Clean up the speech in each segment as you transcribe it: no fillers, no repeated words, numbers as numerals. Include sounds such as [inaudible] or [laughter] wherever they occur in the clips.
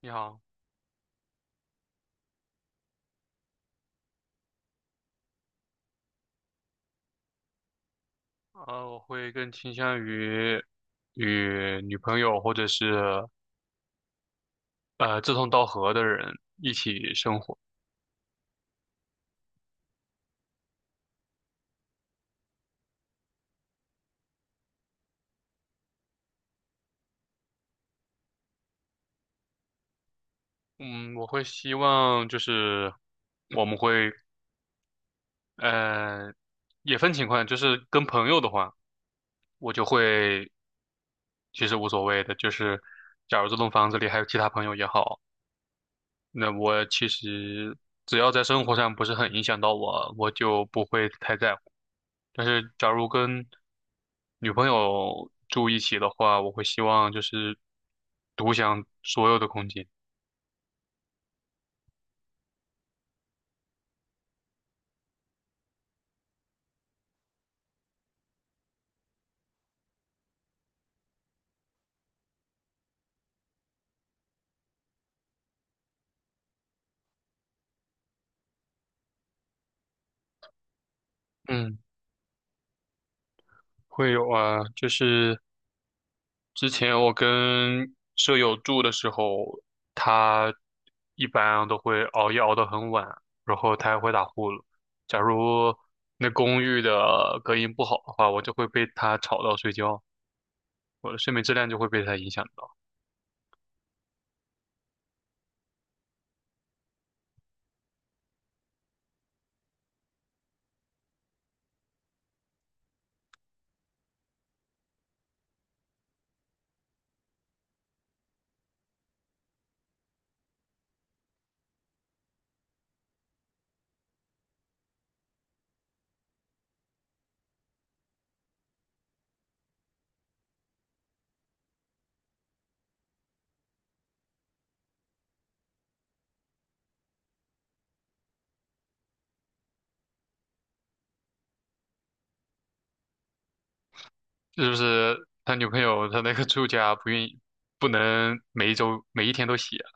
你好，我会更倾向于与女朋友或者是志同道合的人一起生活。嗯，我会希望就是我们会呃也分情况，就是跟朋友的话，我就会其实无所谓的，就是假如这栋房子里还有其他朋友也好，那我其实只要在生活上不是很影响到我，我就不会太在乎。但是假如跟女朋友住一起的话，我会希望就是独享所有的空间。嗯，会有啊，就是之前我跟舍友住的时候，他一般都会熬夜熬到很晚，然后他还会打呼噜。假如那公寓的隔音不好的话，我就会被他吵到睡觉，我的睡眠质量就会被他影响到。是不是他女朋友他那个住家不愿意，不能每一周每一天都洗啊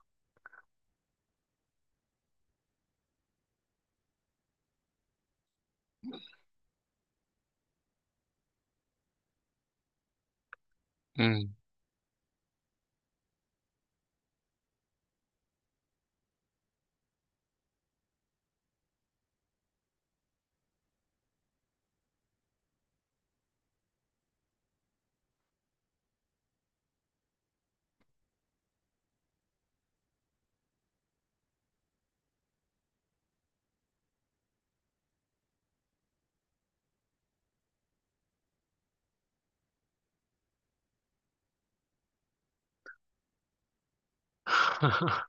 嗯，[laughs]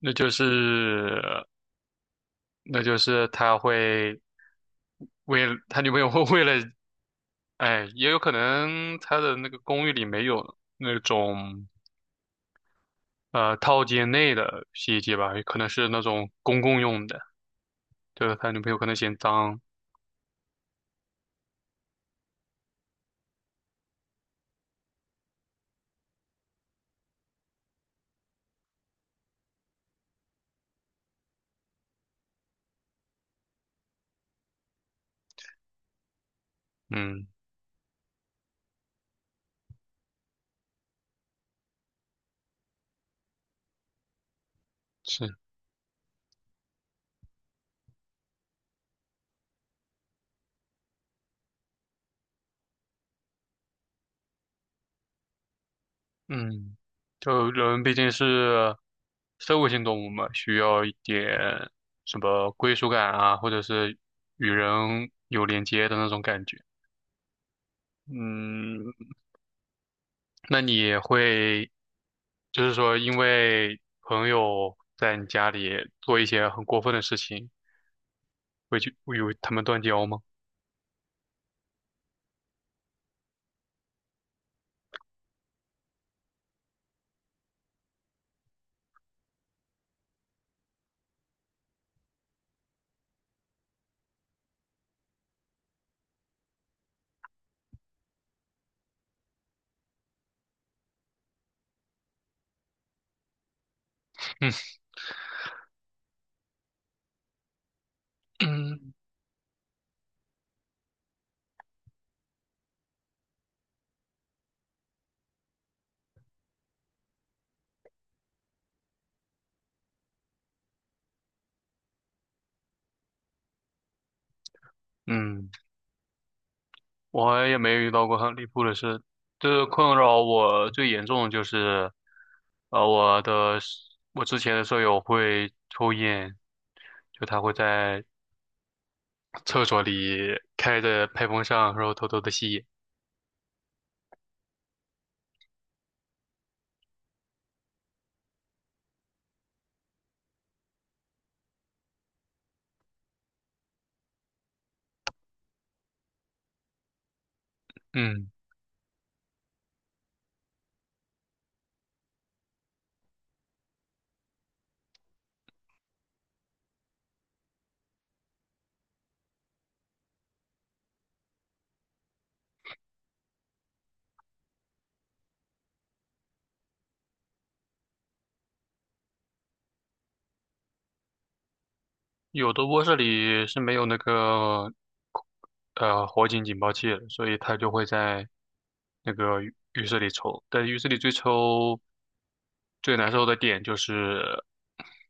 那就是那就是他会为了他女朋友会为了，哎，也有可能他的那个公寓里没有那种套间内的洗衣机吧，也可能是那种公共用的，就是他女朋友可能嫌脏，嗯，是。嗯，就人毕竟是社会性动物嘛，需要一点什么归属感啊，或者是与人有连接的那种感觉。嗯，那你会就是说，因为朋友在你家里做一些很过分的事情，会去会与他们断交吗？[laughs] 嗯 [clears throat] 嗯。我也没遇到过很离谱的事，就是困扰我最严重的就是，呃，我的室我之前的舍友会抽烟，就他会在 [clears throat] 厕所里开着排风扇，然后偷偷的吸烟。嗯，有的卧室里是没有那个火警警报器了所以它就会在那个浴室里抽。但浴室里最难受的点就是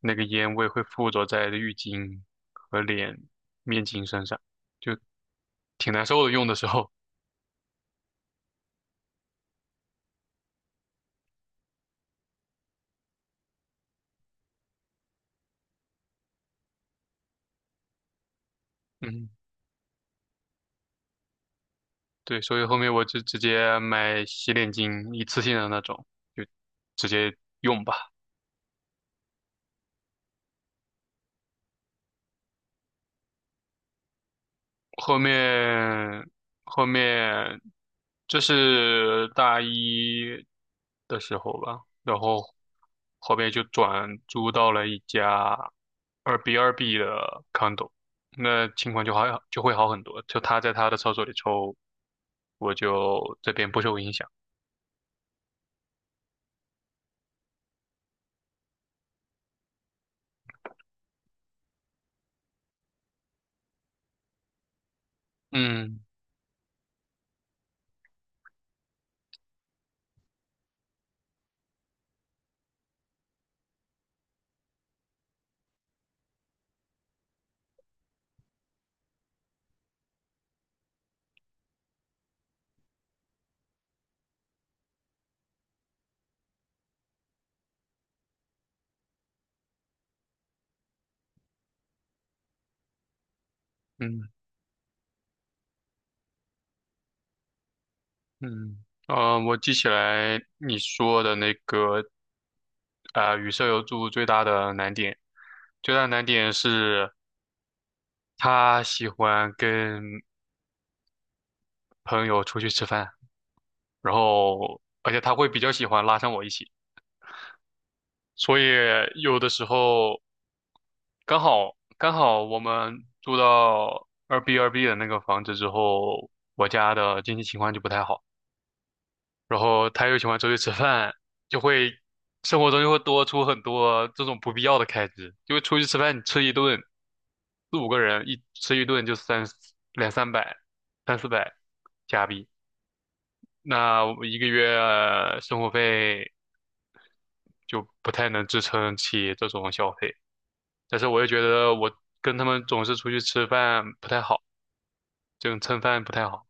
那个烟味会附着在浴巾和脸面巾身上，就挺难受的。用的时候，嗯，对，所以后面我就直接买洗脸巾，一次性的那种，就直接用吧。后面后面这是大一的时候吧，然后后面就转租到了一家二 B 的 condo，那情况就好就会好很多，就他在他的厕所里抽，我就这边不受影响。嗯嗯嗯，我记起来你说的那个，与舍友住最大的难点是。他喜欢跟朋友出去吃饭，然后而且他会比较喜欢拉上我一起，所以有的时候刚好我们住到二 B 的那个房子之后，我家的经济情况就不太好，然后他又喜欢出去吃饭，就会生活中就会多出很多这种不必要的开支，因为出去吃饭你吃一顿四五个人一吃一顿就两三百三四百加币。那我一个月生活费就不太能支撑起这种消费。但是我又觉得我跟他们总是出去吃饭不太好，这种蹭饭不太好。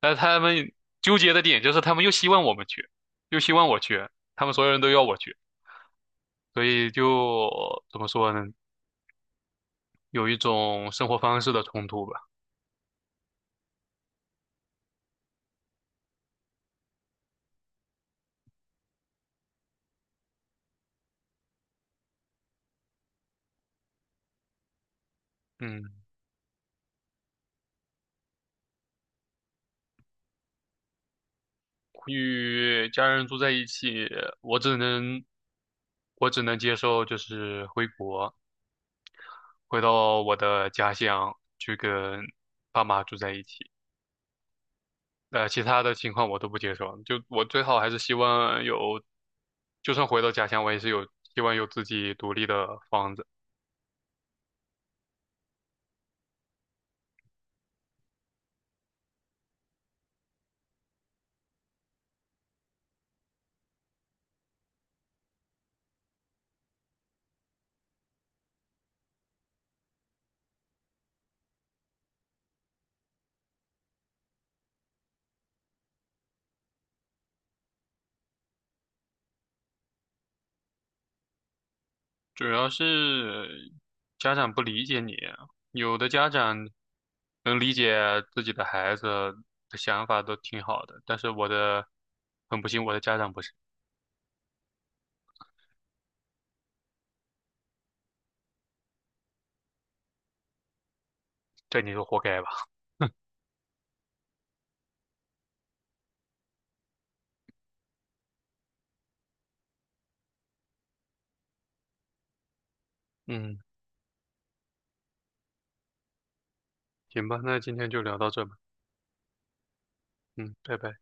但是他们纠结的点就是他们又希望我们去，又希望我去，他们所有人都要我去，所以就怎么说呢，有一种生活方式的冲突吧。嗯，与家人住在一起，我只能我只能接受就是回国。回到我的家乡去跟爸妈住在一起。其他的情况我都不接受，就我最好还是希望有，就算回到家乡，我也是有希望有自己独立的房子。主要是家长不理解你，有的家长能理解自己的孩子的想法都挺好的，但是我的很不幸，我的家长不是，这你就活该吧。嗯，行吧，那今天就聊到这吧。嗯，拜拜。